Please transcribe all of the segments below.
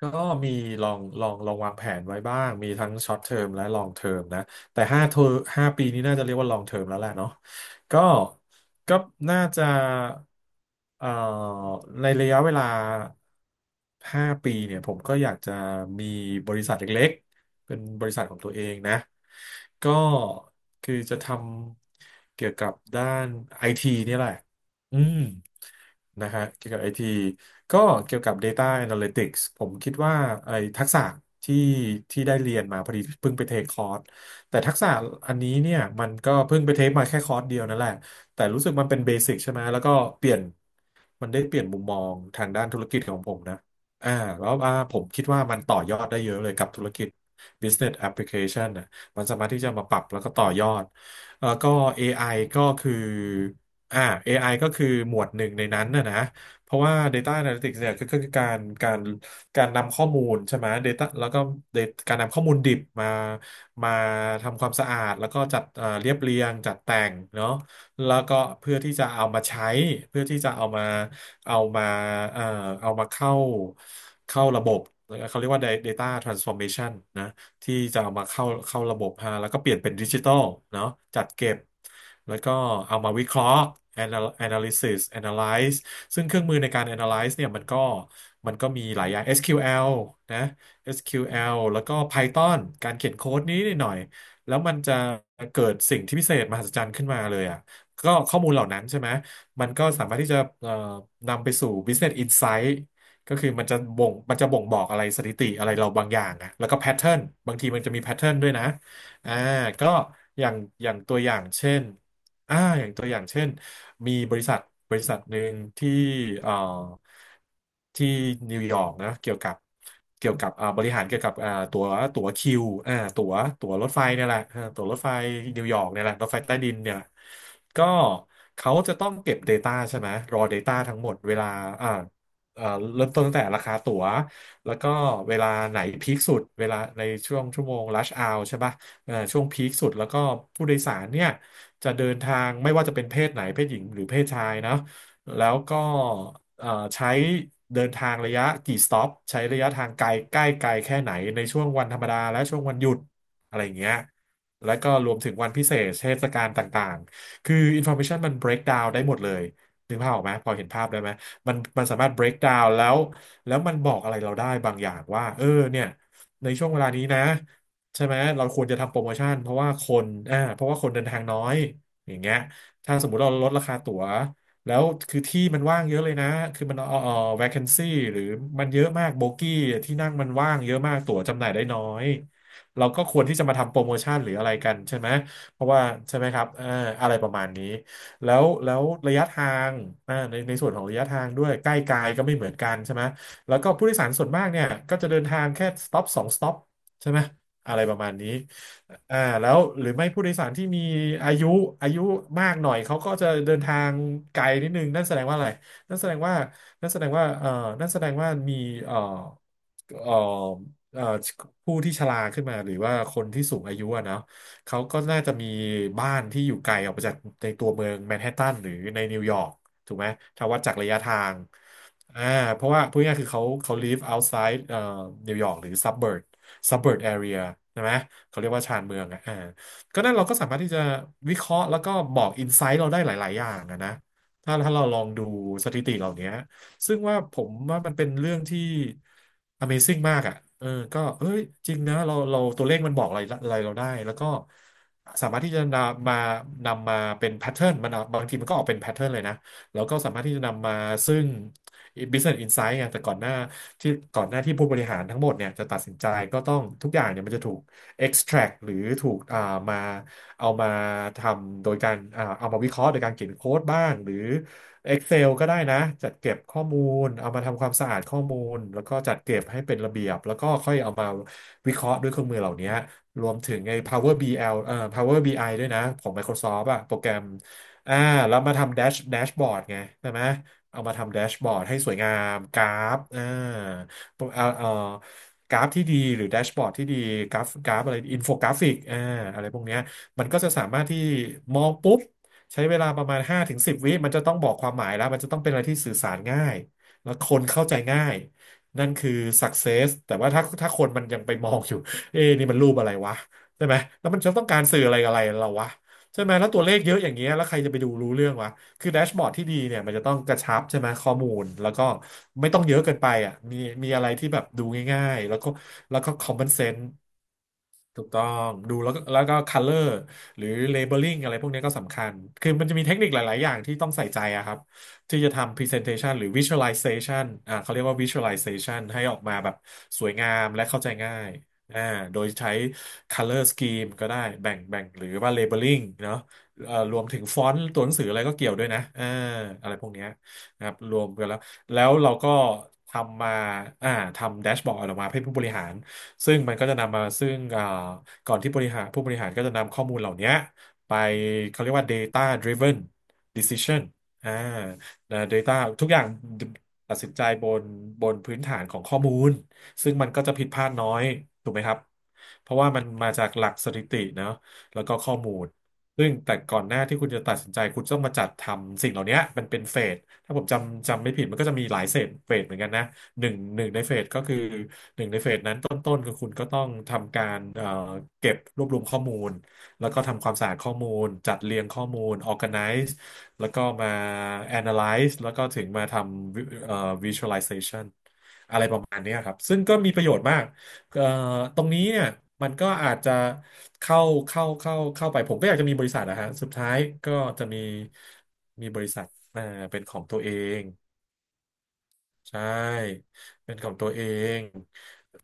ก็มีลองวางแผนไว้บ้างมีทั้งช็อตเทอมและลองเทอมนะแต่ห้าเทอมห้าปีนี้น่าจะเรียกว่าลองเทอมแล้วแหละเนาะก็ก็น่าจะเอ่อในระยะเวลาห้าปีเนี่ยผมก็อยากจะมีบริษัทเล็กๆเป็นบริษัทของตัวเองนะก็คือจะทำเกี่ยวกับด้านไอทีนี่ยแหละ อืมนะฮะเกี่ยวกับไอทีก็เกี่ยวกับ Data Analytics ผมคิดว่าไอทักษะที่ที่ได้เรียนมาพอดีเพิ่งไปเทคคอร์สแต่ทักษะอันนี้เนี่ยมันก็เพิ่งไปเทคมาแค่คอร์สเดียวนั่นแหละแต่รู้สึกมันเป็นเบสิกใช่ไหมแล้วก็เปลี่ยนมันได้เปลี่ยนมุมมองทางด้านธุรกิจของผมนะอ่าแล้วผมคิดว่ามันต่อยอดได้เยอะเลยกับธุรกิจ Business Application นะมันสามารถที่จะมาปรับแล้วก็ต่อยอดแล้วก็เอไอก็คือ อ่า AI ก็คือหมวดหนึ่งในนั้นนะเพราะว่า Data Analytics เนี่ยก็คือการการนำข้อมูลใช่ไหม Data แล้วก็ การนำข้อมูลดิบมามาทำความสะอาดแล้วก็จัดเรียบเรียงจัดแต่งเนาะแล้วก็เพื่อที่จะเอามาใช้เพื่อที่จะเอามาเอามาเอ่อเอามาเข้าระบบเขาเรียกว่า Data Transformation นะ ที่จะเอามาเข้าระบบฮะแล้วก็เปลี่ยนเป็นดิจิตอลเนาะจัดเก็บแล้วก็เอามาวิเคราะห์ analysis analyze ซึ่งเครื่องมือในการ analyze เนี่ยมันก็มีหลายอย่าง SQL นะ SQL แอลแล้วก็ Python การเขียนโค้ดนี้นิดหน่อยแล้วมันจะเกิดสิ่งที่พิเศษมหัศจรรย์ขึ้นมาเลยอ่ะก็ข้อมูลเหล่านั้นใช่ไหมมันก็สามารถที่จะนำไปสู่ Business Insight ก็คือมันจะบ่งบอกอะไรสถิติอะไรเราบางอย่างอะแล้วก็แพทเทิร์นบางทีมันจะมีแพทเทิร์นด้วยนะอ่าก็อย่างอย่างตัวอย่างเช่นอ่าอย่างตัวอย่างเช่นมีบริษัทหนึ่งที่เอ่อที่นิวยอร์กนะเกี่ยวกับเกี่ยวกับอ่าบริหารเกี่ยวกับอ่าตั๋วตั๋วคิวอ่าตั๋วตั๋วรถไฟเนี่ยแหละอ่าตั๋วรถไฟนิวยอร์กเนี่ยแหละรถไฟใต้ดินเนี่ยแหละก็เขาจะต้องเก็บ Data ใช่ไหม raw data ทั้งหมดเวลาอ่า เอ่อเริ่มต้นตั้งแต่ราคาตั๋วแล้วก็เวลาไหนพีคสุดเวลาในช่วงชั่วโมง rush hour ใช่ปะช่วงพีคสุดแล้วก็ผู้โดยสารเนี่ยจะเดินทางไม่ว่าจะเป็นเพศไหนเพศหญิงหรือเพศชายนะแล้วก็เอ่อใช้เดินทางระยะกี่สต็อปใช้ระยะทางไกลใกล้ไกลแค่ไหนในช่วงวันธรรมดาและช่วงวันหยุดอะไรอย่างเงี้ยแล้วก็รวมถึงวันพิเศษเทศกาลต่างๆคือ information มัน break down ได้หมดเลยนึกภาพออกไหมพอเห็นภาพได้ไหม มันสามารถ break down แล้วแล้วมันบอกอะไรเราได้บางอย่างว่าเออเนี่ยในช่วงเวลานี้นะใช่ไหมเราควรจะทำโปรโมชั่นเพราะว่าคนอ่าเพราะว่าคนเดินทางน้อยอย่างเงี้ยถ้าสมมติเราลดราคาตั๋วแล้วคือที่มันว่างเยอะเลยนะคือมันvacancy หรือมันเยอะมากโบกี้ที่นั่งมันว่างเยอะมากตั๋วจำหน่ายได้น้อยเราก็ควรที่จะมาทำโปรโมชั่นหรืออะไรกันใช่ไหมเพราะว่าใช่ไหมครับเอออะไรประมาณนี้ แล้วระยะทางอ่าในในส่วนของระยะทางด้วยใกล้ไกลก็ไม่เหมือนกันใช่ไหม แล้วก็ผู้โดยสารส่วนมากเนี่ยก็จะเดินทางแค่สต็อปสองสต็อปใช่ไหมอะไรประมาณนี้อ่าแล้วหรือไม่ผู้โดยสารที่มีอายุอายุมากหน่อยเขาก็จะเดินทางไกลนิดนึงนั่นแสดงว่าอะไรนั่นแสดงว่านั่นแสดงว่านั่นแสดงว่ามีเอ่อเอ่อเอ่อผู้ที่ชราขึ้นมาหรือว่าคนที่สูงอายุอะเนาะ เขาก็น่าจะมีบ้านที่อยู่ไกลออกไปจากในตัวเมืองแมนฮัตตันหรือในนิวยอร์กถูกไหมถ้าวัดจากระยะทางอ่าเพราะว่าพูดง่ายๆคือเขา live outside นิวยอร์กหรือ suburb area ใช่ไหมเขาเรียกว่าชานเมืองอะก็นั่นเราก็สามารถที่จะวิเคราะห์แล้วก็บอกอินไซต์เราได้หลายๆ อย่างอะนะถ้าเราลองดูสถิติเหล่านี้ ซึ่งว่าผมว่ามันเป็นเรื่องที่ Amazing มากอ่ะเออก็เอ้ยจริงนะเราตัวเลขมันบอกอะไรอะไรเราได้ แล้วก็สามารถที่จะนำมาเป็นแพทเทิร์นมันเอาบางทีมันก็ออกเป็นแพทเทิร์นเลยนะ แล้วก็สามารถที่จะนำมาซึ่ง Business Insight ไงแต่ก่อนหน้าที่ผู้บริหารทั้งหมดเนี่ยจะตัดสินใจก็ต้องทุกอย่างเนี่ยมันจะถูก extract หรือถูกมาเอามาทำโดยการเอามาวิเคราะห์โดยการเขียนโค้ดบ้างหรือ Excel ก็ได้นะจัดเก็บข้อมูลเอามาทำความสะอาดข้อมูลแล้วก็จัดเก็บให้เป็นระเบียบแล้วก็ค่อยเอามาวิเคราะห์ด้วยเครื่องมือเหล่านี้รวมถึงไอ้ Power BL Power บีไ i ด้วยนะของ Microsoft อะโปรแกรมอ่าแล้วมาทำแดชบอร์ดไงใช่ไหมเอามาทำแดชบอร์ดให้สวยงามกราฟเออกราฟที่ดีหรือแดชบอร์ดที่ดีกราฟอะไรอินโฟกราฟิกอะไรพวกเนี้ยมันก็จะสามารถที่มองปุ๊บ ใช้เวลาประมาณ5 ถึง 10 วิมันจะต้องบอกความหมายแล้วมันจะต้องเป็นอะไรที่สื่อสารง่ายแล้วคนเข้าใจง่ายนั่นคือ success แต่ว่าถ้าคนมันยังไปมองอยู่เอ๊ะนี่มันรูปอะไรวะใช่ไหมแล้วมันจะต้องการสื่ออะไรกับอะไรเราวะใช่ไหมแล้วตัวเลขเยอะอย่างเงี้ยแล้วใครจะไปดูรู้เรื่องวะคือแดชบอร์ดที่ดีเนี่ยมันจะต้องกระชับใช่ไหมข้อมูลแล้วก็ไม่ต้องเยอะเกินไปอ่ะมีอะไรที่แบบดูง่ายๆแล้วก็common sense ถูกต้องดูแล้วก็color หรือ labeling อะไรพวกนี้ก็สำคัญ คือมันจะมีเทคนิคหลาย ๆ อย่างที่ต้องใส่ใจอะครับที่จะทำ presentation หรือ visualization เขาเรียกว่า visualization ให้ออกมาแบบสวยงามและเข้าใจง่ายอ่าโดยใช้ color scheme ก็ได้แบ่งหรือว่า labeling เนาะรวมถึงฟอนต์ตัวหนังสืออะไรก็เกี่ยวด้วยนะอะไรพวกเนี้ยนะครับรวมกันแล้วแล้วเราก็ทำมาอ่าทำแดชบอร์ดออกมาให้ผู้บริหาร ซึ่งมันก็จะนำมาซึ่งก่อนที่บริหารผู้บริหารก็จะนำข้อมูลเหล่านี้ไปเขาเรียกว่า data driven decision อ่านะ data ทุกอย่างตัดสินใจบนพื้นฐานของข้อมูลซึ่งมันก็จะผิดพลาดน้อยถูกไหมครับเพราะว่ามันมาจากหลักสถิติเนอะแล้วก็ข้อมูลซึ่งแต่ก่อนหน้าที่คุณจะตัดสินใจคุณต้องมาจัดทำสิ่งเหล่านี้มันเป็นเฟสถ้าผมจำไม่ผิดมันก็จะมีหลายเฟสเหมือนกันนะหนึ่งในเฟสก็คือ ต้นคือคุณก็ต้องทำการเก็บรวบรวมข้อมูลแล้วก็ทำความสะอาดข้อมูลจัดเรียงข้อมูล organize แล้วก็มา analyze แล้วก็ถึงมาทำวิvisualization อะไรประมาณเนี้ยครับซึ่งก็มีประโยชน์มากเอ่อตรงนี้เนี่ยมันก็อาจจะเข้าเข้าไปผมก็อยากจะมีบริษัทนะฮะสุดท้ายก็จะมีบริษัทอ่าเป็นของตัวเองใช่เป็นของตัวเอง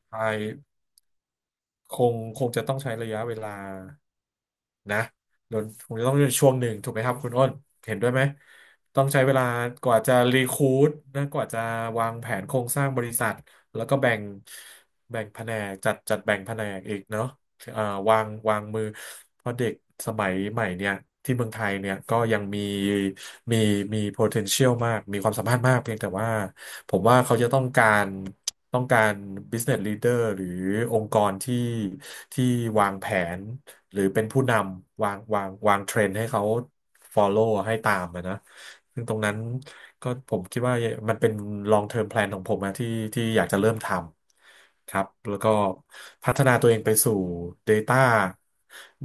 ใช คงคงจะต้องใช้ระยะเวลานะโดนคงจะต้องช่วงหนึ่งถูกไหมครับคุณอ้น เห็นด้วยไหมต้องใช้เวลากว่าจะรีค u ู t นะกว่าจะวางแผนโครงสร้างบริษัท แล้วก็แบ่งแผนกจัดแบ่งแผนกอีกเนาะ เอ่อวางมือเพราะเด็กสมัยใหม่เนี่ยที่เมืองไทยเนี่ยก็ยังมีมีมี potential มากมีความสามารถมากเพียงแต่ว่าผมว่าเขาจะต้องการต้องการ business leader หรือองค์กรที่วางแผนหรือเป็นผู้นำวางเทรนด์ให้เขา follow ให้ตามอะนะซึ่งตรงนั้นก็ผมคิดว่ามันเป็น long term plan ของผมนะที่อยากจะเริ่มทำ ครับแล้วก็พัฒนาตัวเองไปสู่ Data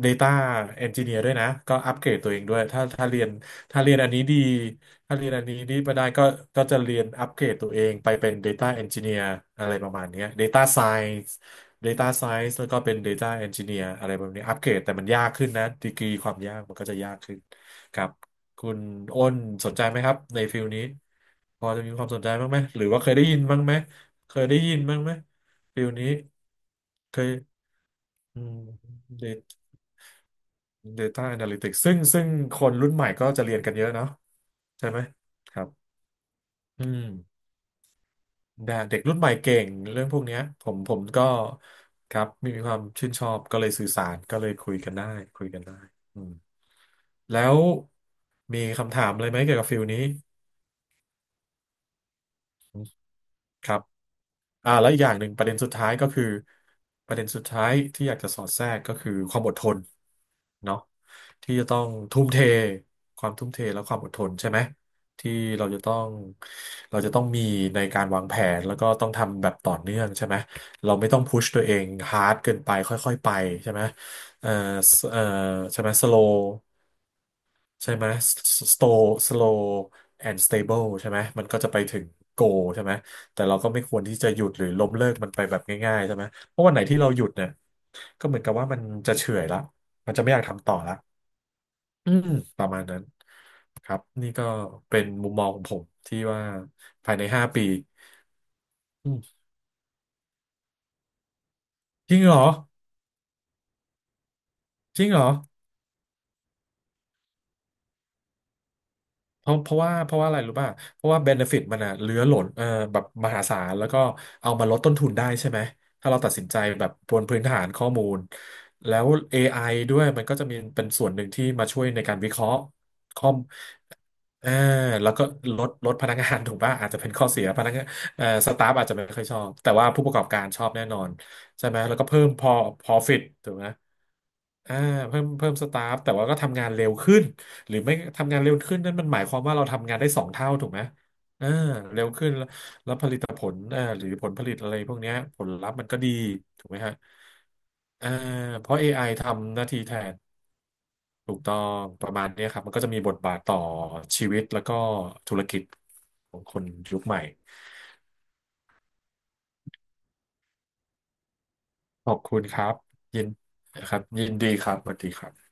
Data Engineer ด้วยนะก็อัปเกรดตัวเองด้วยถ้าเรียนถ้าเรียนอันนี้ดีถ้าเรียนอันนี้ดีมาได้ก็จะเรียนอัปเกรดตัวเองไปเป็น Data Engineer อะไรประมาณเนี้ย Data Science Data Science แล้วก็เป็น Data Engineer อะไรแบบนี้อัปเกรดแต่มันยากขึ้นนะดีกรีความยากมันก็จะยากขึ้นครับคุณอ้นสนใจไหมครับในฟิลนี้พอจะมีความสนใจบ้างไหมหรือว่าเคยได้ยินบ้างไหมเคยได้ยินบ้างไหม ฟิลนี้เคยอืม Data Data Analytics ซึ่งคนรุ่นใหม่ก็จะเรียนกันเยอะเนาะใช่ไหมครับอืมแต่เด็กรุ่นใหม่เก่งเรื่องพวกเนี้ยผมก็ครับมีความชื่นชอบก็เลยสื่อสารก็เลยคุยกันได้คุยกันได้อืมแล้วมีคำถามอะไรไหมเกี่ยวกับฟิลนี้ ครับอ่าแล้วอีกอย่างหนึ่งประเด็นสุดท้ายก็คือประเด็นสุดท้ายที่อยากจะสอดแทรกก็คือความอดทนเนาะที่จะต้องทุ่มเทความทุ่มเทและความอดทนใช่ไหมที่เราจะต้องเราจะต้องมีในการวางแผนแล้วก็ต้องทำแบบต่อเนื่องใช่ไหมเราไม่ต้องพุชตัวเองฮาร์ดเกินไปค่อยๆไปใช่ไหมเอ่อเอ่อใช่ไหมสโล ใช่ไหม slow slow and stable ใช่ไหมมันก็จะไปถึง goal ใช่ไหม แต่เราก็ไม่ควรที่จะหยุดหรือล้มเลิกมันไปแบบง่ายๆใช่ไหม เพราะวันไหนที่เราหยุดเนี่ยก็เหมือนกับว่ามันจะเฉื่อยละมันจะไม่อยากทำต่อละอืมประมาณนั้นครับ นี่ก็เป็นมุมมองของผมที่ว่าภายใน5 ปีอืมจริงเหรอ จริงเหรอ เพราะเพราะว่าเพราะว่าอะไรรู้ป่ะเพราะว่าเบนฟิตมันอะเหลือหล่นเออแบบมหาศาลแล้วก็เอามาลดต้นทุนได้ใช่ไหมถ้าเราตัดสินใจแบบบนพื้นฐานข้อมูลแล้ว AI ด้วยมันก็จะมีเป็นส่วนหนึ่งที่มาช่วยในการวิเคราะห์ข้อมเอาแล้วก็ลดพนักงาน ถูกป่ะอาจจะเป็นข้อเสียพนักงานเอ่อสตาฟอาจจะไม่ค่อยชอบแต่ว่าผู้ประกอบการชอบแน่นอนใช่ไหมแล้วก็เพิ่มพอ profit ถูกไหมอ่าเพิ่มสตาฟแต่ว่าก็ทำงานเร็วขึ้น หรือไม่ทำงานเร็วขึ้นนั่นมันหมายความว่าเราทำงานได้2 เท่าถูกไหมเออเร็วขึ้นแล้วแต่ผลหรือผลผลิตอะไรพวกเนี้ยผลลัพธ์มันก็ดีถูกไหมฮะเออเพราะ AI ทำหน้าที่แทนถูกต้องประมาณเนี้ยครับมันก็จะมีบทบาทต่อชีวิตแล้วก็ธุรกิจของคนยุคใหม่ขอบคุณครับยินครับยินดีครับสวัสดีครับ